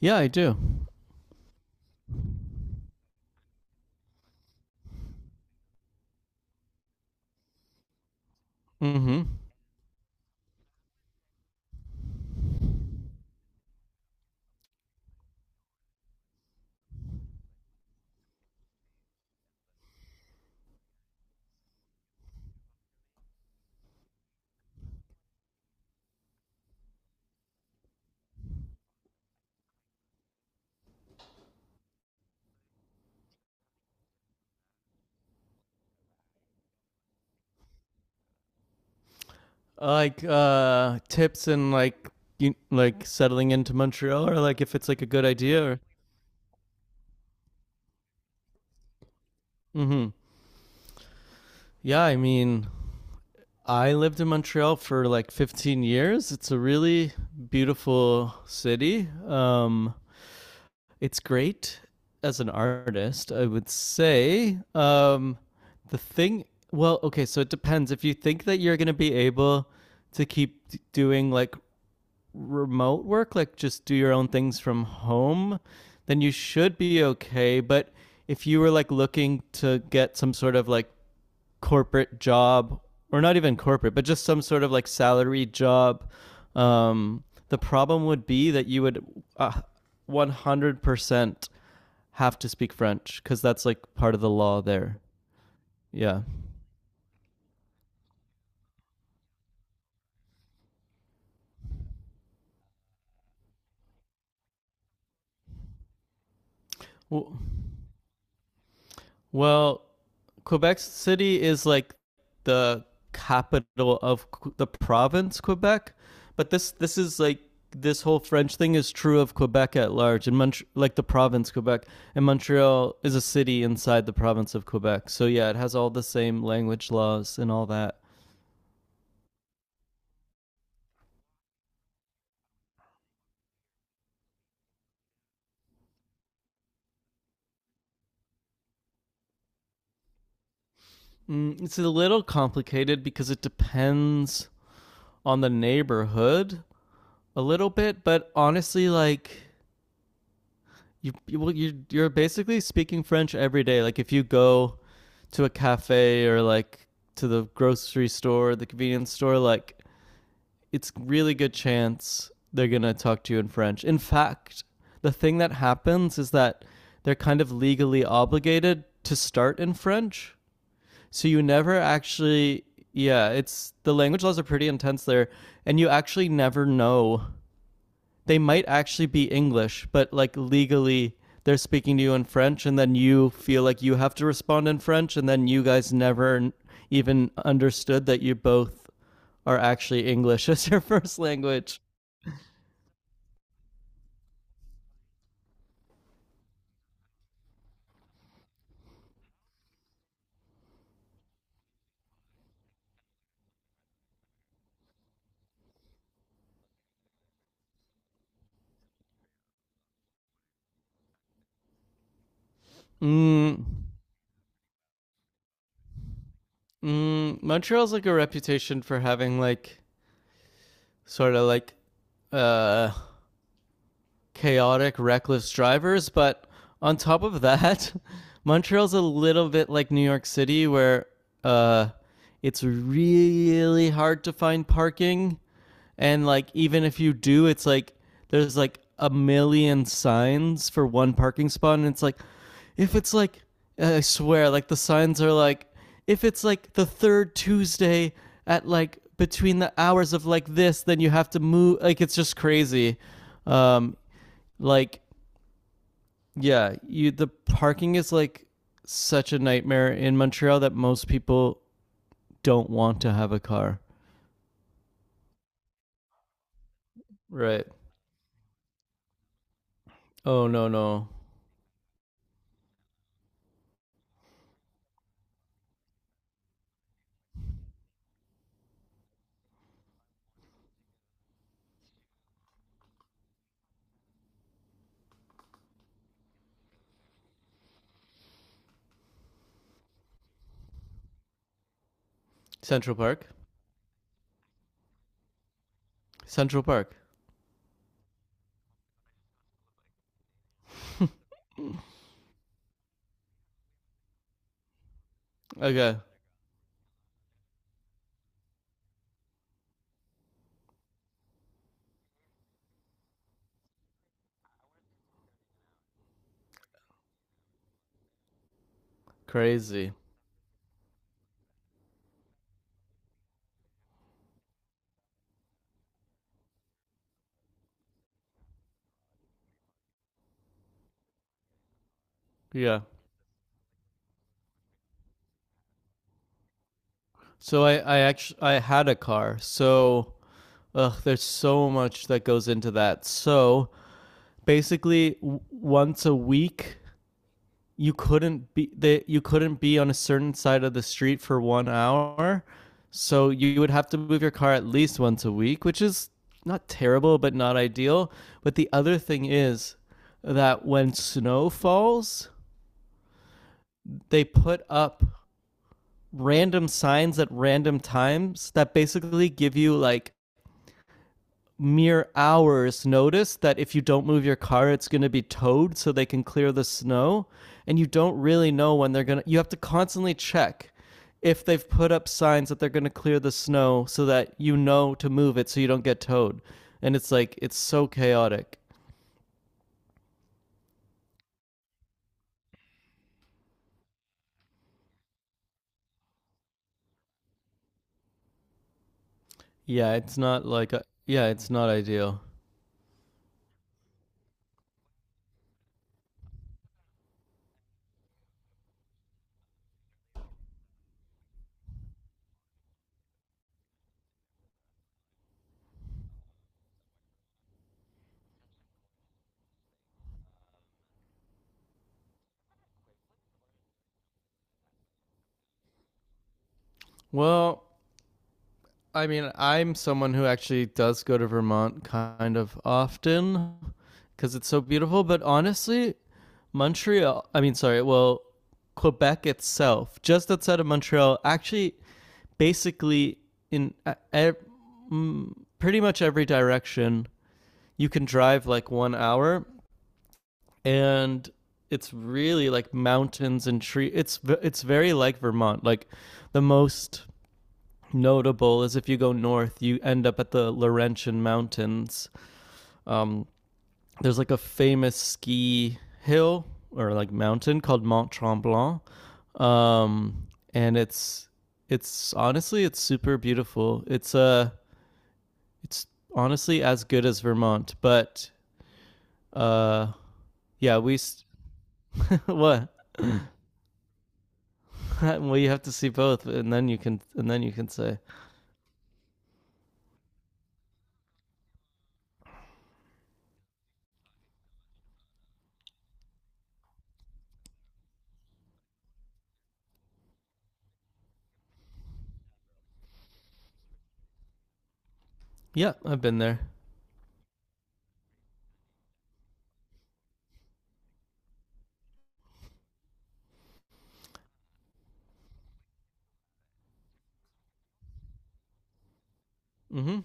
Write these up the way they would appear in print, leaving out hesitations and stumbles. Yeah, I do. Mm-hmm. Like tips and like you, like settling into Montreal, or like if it's like a good idea. Or, mm-hmm. Yeah, I mean, I lived in Montreal for like 15 years. It's a really beautiful city. It's great as an artist, I would say. The thing, okay, so it depends. If you think that you're going to be able to keep doing like remote work, like just do your own things from home, then you should be okay. But if you were like looking to get some sort of like corporate job, or not even corporate, but just some sort of like salary job, um, the problem would be that you would uh, 100% have to speak French because that's like part of the law there. Yeah. Well, Well, Quebec City is like the capital of the province Quebec, but this is like this whole French thing is true of Quebec at large and like the province Quebec and Montreal is a city inside the province of Quebec. So yeah, it has all the same language laws and all that. Mm, it's a little complicated because it depends on the neighborhood a little bit, but honestly like you're basically speaking French every day. Like if you go to a cafe or like to the grocery store, the convenience store, like it's really good chance they're going to talk to you in French. In fact, the thing that happens is that they're kind of legally obligated to start in French. So you never actually yeah, it's the language laws are pretty intense there and you actually never know they might actually be English, but like legally they're speaking to you in French, and then you feel like you have to respond in French, and then you guys never even understood that you both are actually English as your first language. Mm, Montreal's like a reputation for having like sort of like uh chaotic, reckless drivers. But on top of that, Montreal's a little bit like New York City, where uh, it's really hard to find parking. And like, even if you do, it's like there's like a million signs for one parking spot. And it's like, if it's like, I swear, like the signs are like, if it's like the third Tuesday at like between the hours of like this, then you have to move. Like, it's just crazy. Um, like, yeah, you the parking is like such a nightmare in Montreal that most people don't want to have a car. Right. Oh no, no. Central Park. Central Park. Okay. Crazy. Yeah. So I actually I had a car. So ugh, there's so much that goes into that. So basically, once a week you couldn't be you couldn't be on a certain side of the street for 1 hour, so you would have to move your car at least once a week, which is not terrible but not ideal. But the other thing is that when snow falls they put up random signs at random times that basically give you like mere hours notice that if you don't move your car, it's going to be towed so they can clear the snow. And you don't really know when they're going to, you have to constantly check if they've put up signs that they're going to clear the snow so that you know to move it so you don't get towed. And it's like, it's so chaotic. Yeah, it's not like, a, yeah, it's not ideal. Well, I mean, I'm someone who actually does go to Vermont kind of often because it's so beautiful. But honestly, Montreal, I mean, sorry, well, Quebec itself, just outside of Montreal, actually, basically, in mm, pretty much every direction, you can drive like 1 hour and it's really like mountains and trees. It's very like Vermont. Like the most notable is if you go north, you end up at the Laurentian Mountains. Um, there's like a famous ski hill or like mountain called Mont Tremblant, um, and it's honestly it's super beautiful. It's it's honestly as good as Vermont, but uh yeah we s what well you have to see both and then you can and then you can say yeah I've been there. Mm-hmm.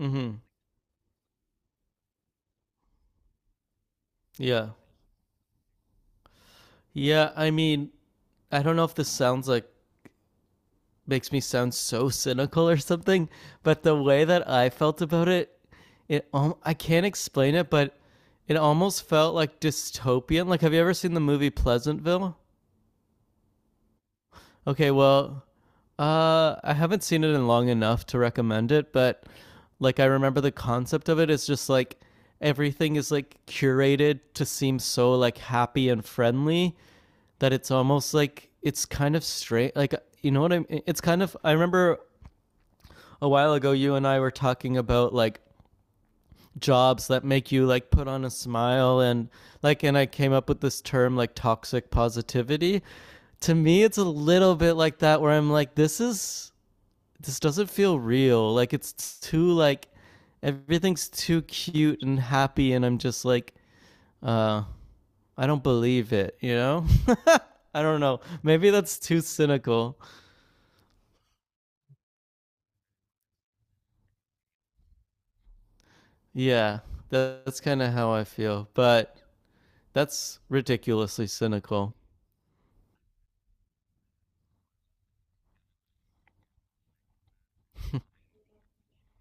Mm-hmm. Yeah. Yeah, I mean, I don't know if this sounds like makes me sound so cynical or something, but the way that I felt about it, it I can't explain it, but it almost felt like dystopian. Like, have you ever seen the movie Pleasantville? Okay, well, I haven't seen it in long enough to recommend it, but like I remember the concept of it is just like everything is like curated to seem so like happy and friendly that it's almost like it's kind of straight. Like you know what I mean? It's kind of. I remember a while ago you and I were talking about like jobs that make you like put on a smile and like and I came up with this term like toxic positivity. To me it's a little bit like that where I'm like this is this doesn't feel real. Like it's too like everything's too cute and happy and I'm just like uh I don't believe it, you know? I don't know. Maybe that's too cynical. Yeah, that's kind of how I feel, but that's ridiculously cynical.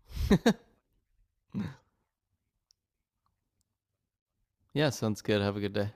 Yeah, sounds good. Have a good day.